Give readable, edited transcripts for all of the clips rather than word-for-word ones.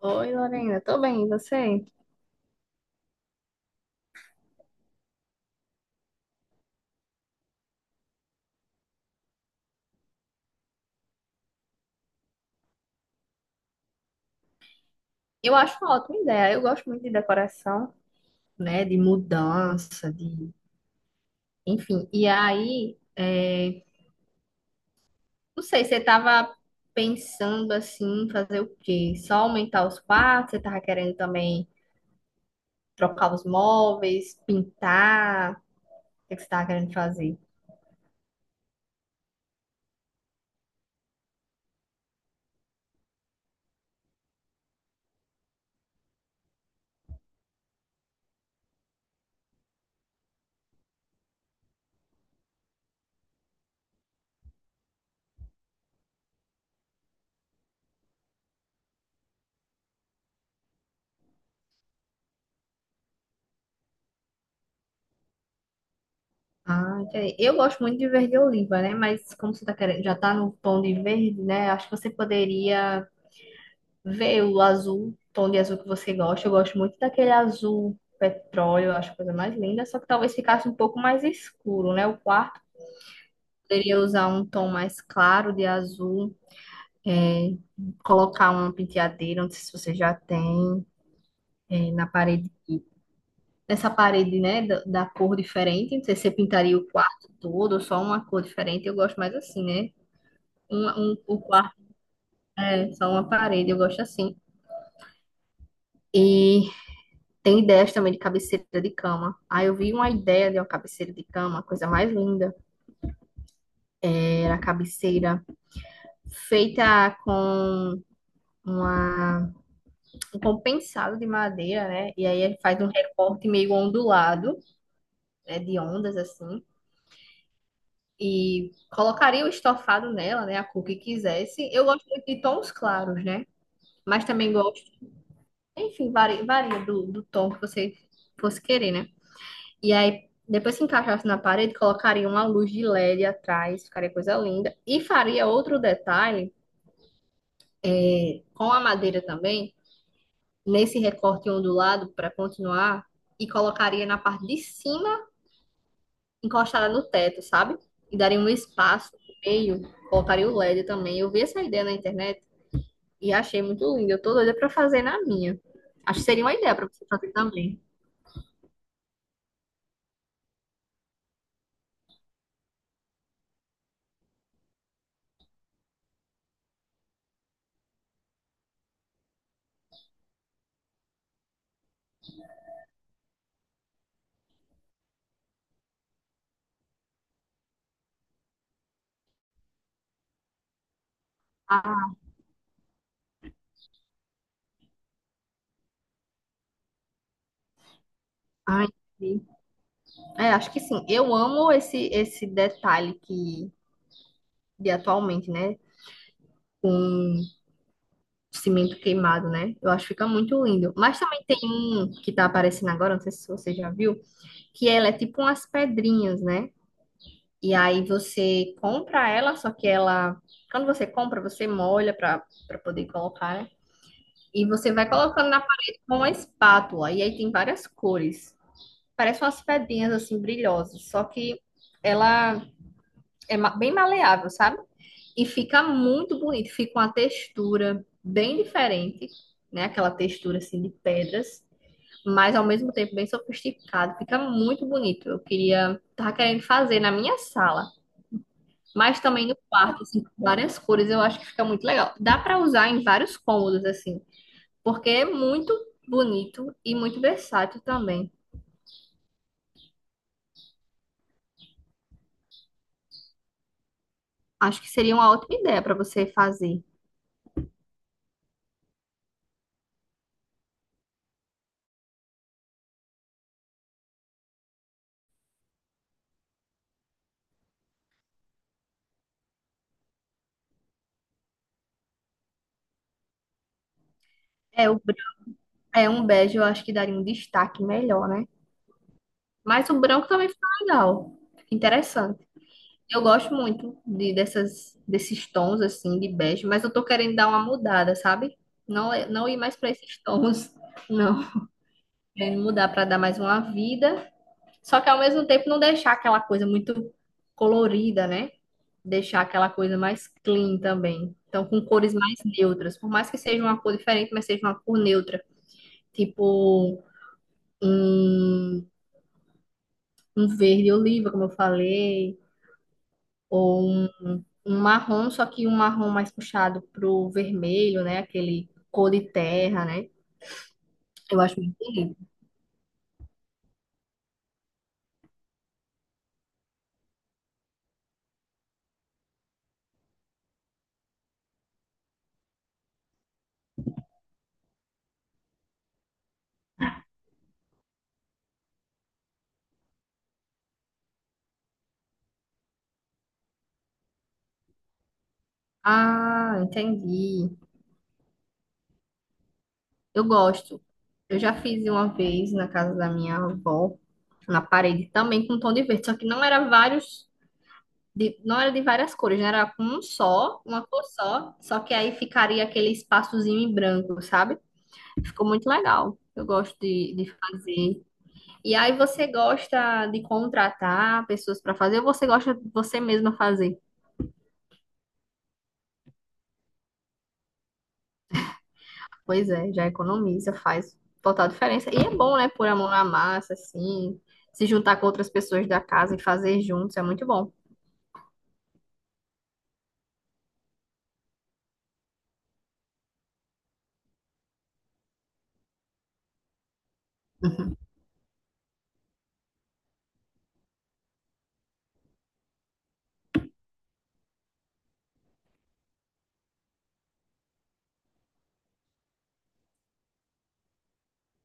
Oi, Lorena, tô bem, e você? Eu acho uma ótima ideia. Eu gosto muito de decoração, né? De mudança, de... Enfim, e aí, não sei, você tava pensando assim, em fazer o quê? Só aumentar os quartos? Você tava querendo também trocar os móveis, pintar? O que que você tava querendo fazer? Ah, entendi. Eu gosto muito de verde oliva, né? Mas como você tá querendo, já tá no tom de verde, né? Acho que você poderia. Vê o azul, tom de azul que você gosta. Eu gosto muito daquele azul petróleo, eu acho a coisa mais linda, só que talvez ficasse um pouco mais escuro, né? O quarto poderia usar um tom mais claro de azul, é, colocar uma penteadeira, não sei se você já tem, na parede, nessa parede, né, da cor diferente. Não sei se você pintaria o quarto todo ou só uma cor diferente. Eu gosto mais assim, né? O quarto é só uma parede, eu gosto assim. E tem ideias também de cabeceira de cama. Aí eu vi uma ideia de uma cabeceira de cama, a coisa mais linda. Era a cabeceira feita com uma, um compensado de madeira, né? E aí ele faz um recorte meio ondulado, né? De ondas assim. E colocaria o estofado nela, né? A cor que quisesse. Eu gosto muito de tons claros, né? Mas também gosto. Enfim, varia do, do tom que você fosse querer, né? E aí, depois se encaixasse na parede, colocaria uma luz de LED atrás, ficaria coisa linda. E faria outro detalhe com a madeira também, nesse recorte ondulado para continuar, e colocaria na parte de cima, encostada no teto, sabe? E daria um espaço no meio, colocaria o LED também. Eu vi essa ideia na internet e achei muito linda. Eu tô doida para fazer na minha. Acho que seria uma ideia para você fazer também. Ah, ai, sim. É, acho que sim. Eu amo esse detalhe que de atualmente, né? Com cimento queimado, né? Eu acho que fica muito lindo. Mas também tem um que tá aparecendo agora, não sei se você já viu, que ela é tipo umas pedrinhas, né? E aí você compra ela, só que ela, quando você compra, você molha para poder colocar, né? E você vai colocando na parede com uma espátula. E aí tem várias cores. Parece umas pedrinhas assim brilhosas, só que ela é bem maleável, sabe? E fica muito bonito, fica uma textura bem diferente, né? Aquela textura assim de pedras, mas ao mesmo tempo bem sofisticado, fica muito bonito. Eu queria, tava querendo fazer na minha sala, mas também no quarto, assim, com várias cores, eu acho que fica muito legal. Dá para usar em vários cômodos assim, porque é muito bonito e muito versátil também. Acho que seria uma ótima ideia para você fazer. É, o, bran- É um bege, eu acho que daria um destaque melhor, né? Mas o branco também fica legal. Fica interessante. Eu gosto muito dessas, desses tons assim de bege, mas eu tô querendo dar uma mudada, sabe? Não, não ir mais para esses tons, não. Querendo mudar para dar mais uma vida. Só que ao mesmo tempo não deixar aquela coisa muito colorida, né? Deixar aquela coisa mais clean também. Então, com cores mais neutras. Por mais que seja uma cor diferente, mas seja uma cor neutra. Tipo um, um verde oliva, como eu falei ou um marrom, só que um marrom mais puxado pro vermelho, né? Aquele cor de terra, né? Eu acho muito bonito. Ah, entendi. Eu gosto. Eu já fiz uma vez na casa da minha avó, na parede também com tom de verde, só que não era vários, não era de várias cores, né? Era com um só, uma cor só, só que aí ficaria aquele espaçozinho em branco, sabe? Ficou muito legal. Eu gosto de fazer. E aí você gosta de contratar pessoas para fazer ou você gosta de você mesma fazer? Pois é, já economiza, faz total diferença. E é bom, né, pôr a mão na massa, assim, se juntar com outras pessoas da casa e fazer juntos, é muito bom.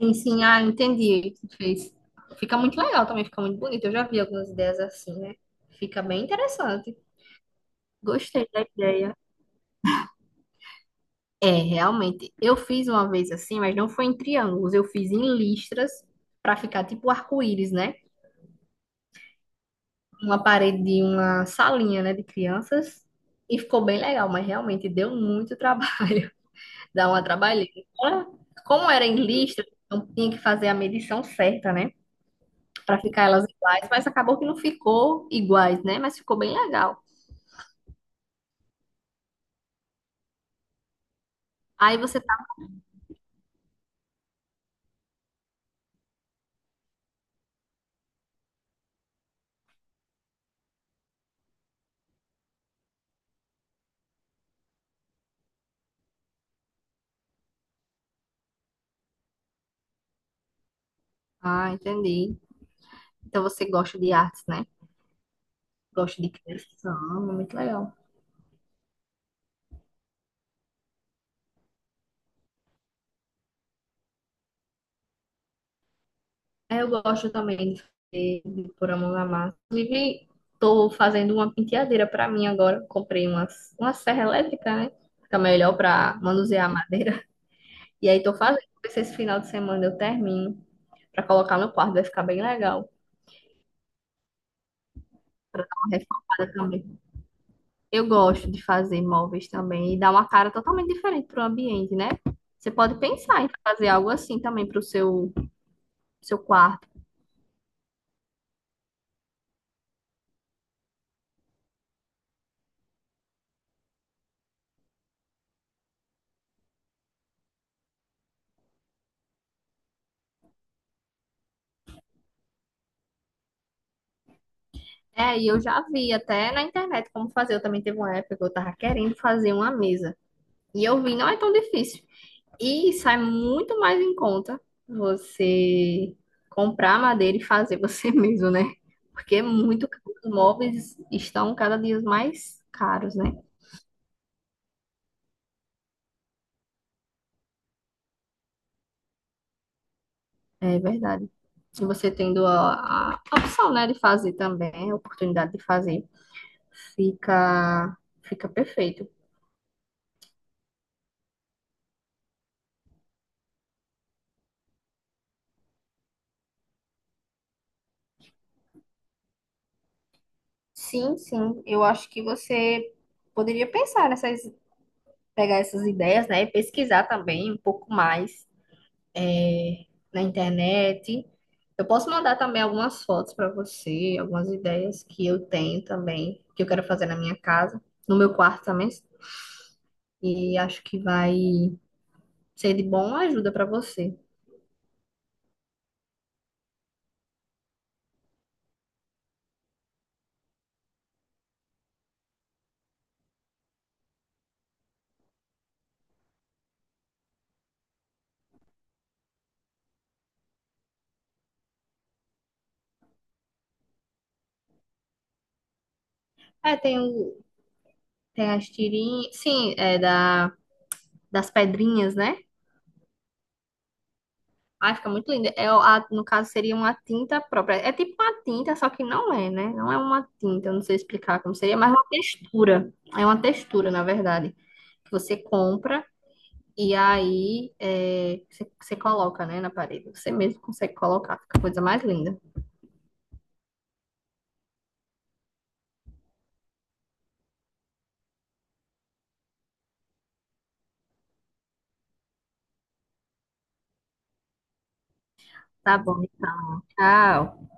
Sim, sim, ah, entendi o que tu fez. Fica muito legal também, fica muito bonito. Eu já vi algumas ideias assim, né? Fica bem interessante. Gostei da ideia. É, realmente. Eu fiz uma vez assim, mas não foi em triângulos, eu fiz em listras para ficar tipo arco-íris, né? Uma parede de uma salinha, né, de crianças. E ficou bem legal, mas realmente deu muito trabalho, dá uma trabalheira. Fora, como era em lista, então tinha que fazer a medição certa, né, pra ficar elas iguais, mas acabou que não ficou iguais, né, mas ficou bem legal. Aí você tá, ah, entendi. Então você gosta de artes, né? Gosta de criação, muito legal. É, eu gosto também de fazer, de pôr a mão na massa. Inclusive, tô fazendo uma penteadeira para mim agora. Comprei umas, uma serra elétrica, né? Fica melhor para manusear a madeira. E aí tô fazendo. Ver se esse final de semana eu termino para colocar no quarto. Vai ficar bem legal. Para dar uma reformada também. Eu gosto de fazer móveis também e dar uma cara totalmente diferente pro ambiente, né? Você pode pensar em fazer algo assim também seu quarto. É, e eu já vi até na internet como fazer. Eu também teve uma época que eu tava querendo fazer uma mesa. E eu vi, não é tão difícil. E sai muito mais em conta você comprar madeira e fazer você mesmo, né? Porque é muito caro. Os móveis estão cada dia mais caros, né? É verdade. Se você tendo a opção, né, de fazer também, a oportunidade de fazer, fica, fica perfeito. Sim, sim. Eu acho que você poderia pensar nessas pegar essas ideias, né? Pesquisar também um pouco mais é, na internet. Eu posso mandar também algumas fotos para você, algumas ideias que eu tenho também, que eu quero fazer na minha casa, no meu quarto também. E acho que vai ser de bom ajuda para você. É, tem, tem as tirinhas, sim, é das pedrinhas, né? Ai, fica muito linda. É, no caso, seria uma tinta própria. É tipo uma tinta, só que não é, né? Não é uma tinta, eu não sei explicar como seria, mas é uma textura. É uma textura, na verdade, que você compra e aí é, você coloca, né, na parede. Você mesmo consegue colocar, fica a coisa mais linda. Tá bom, então. Tchau.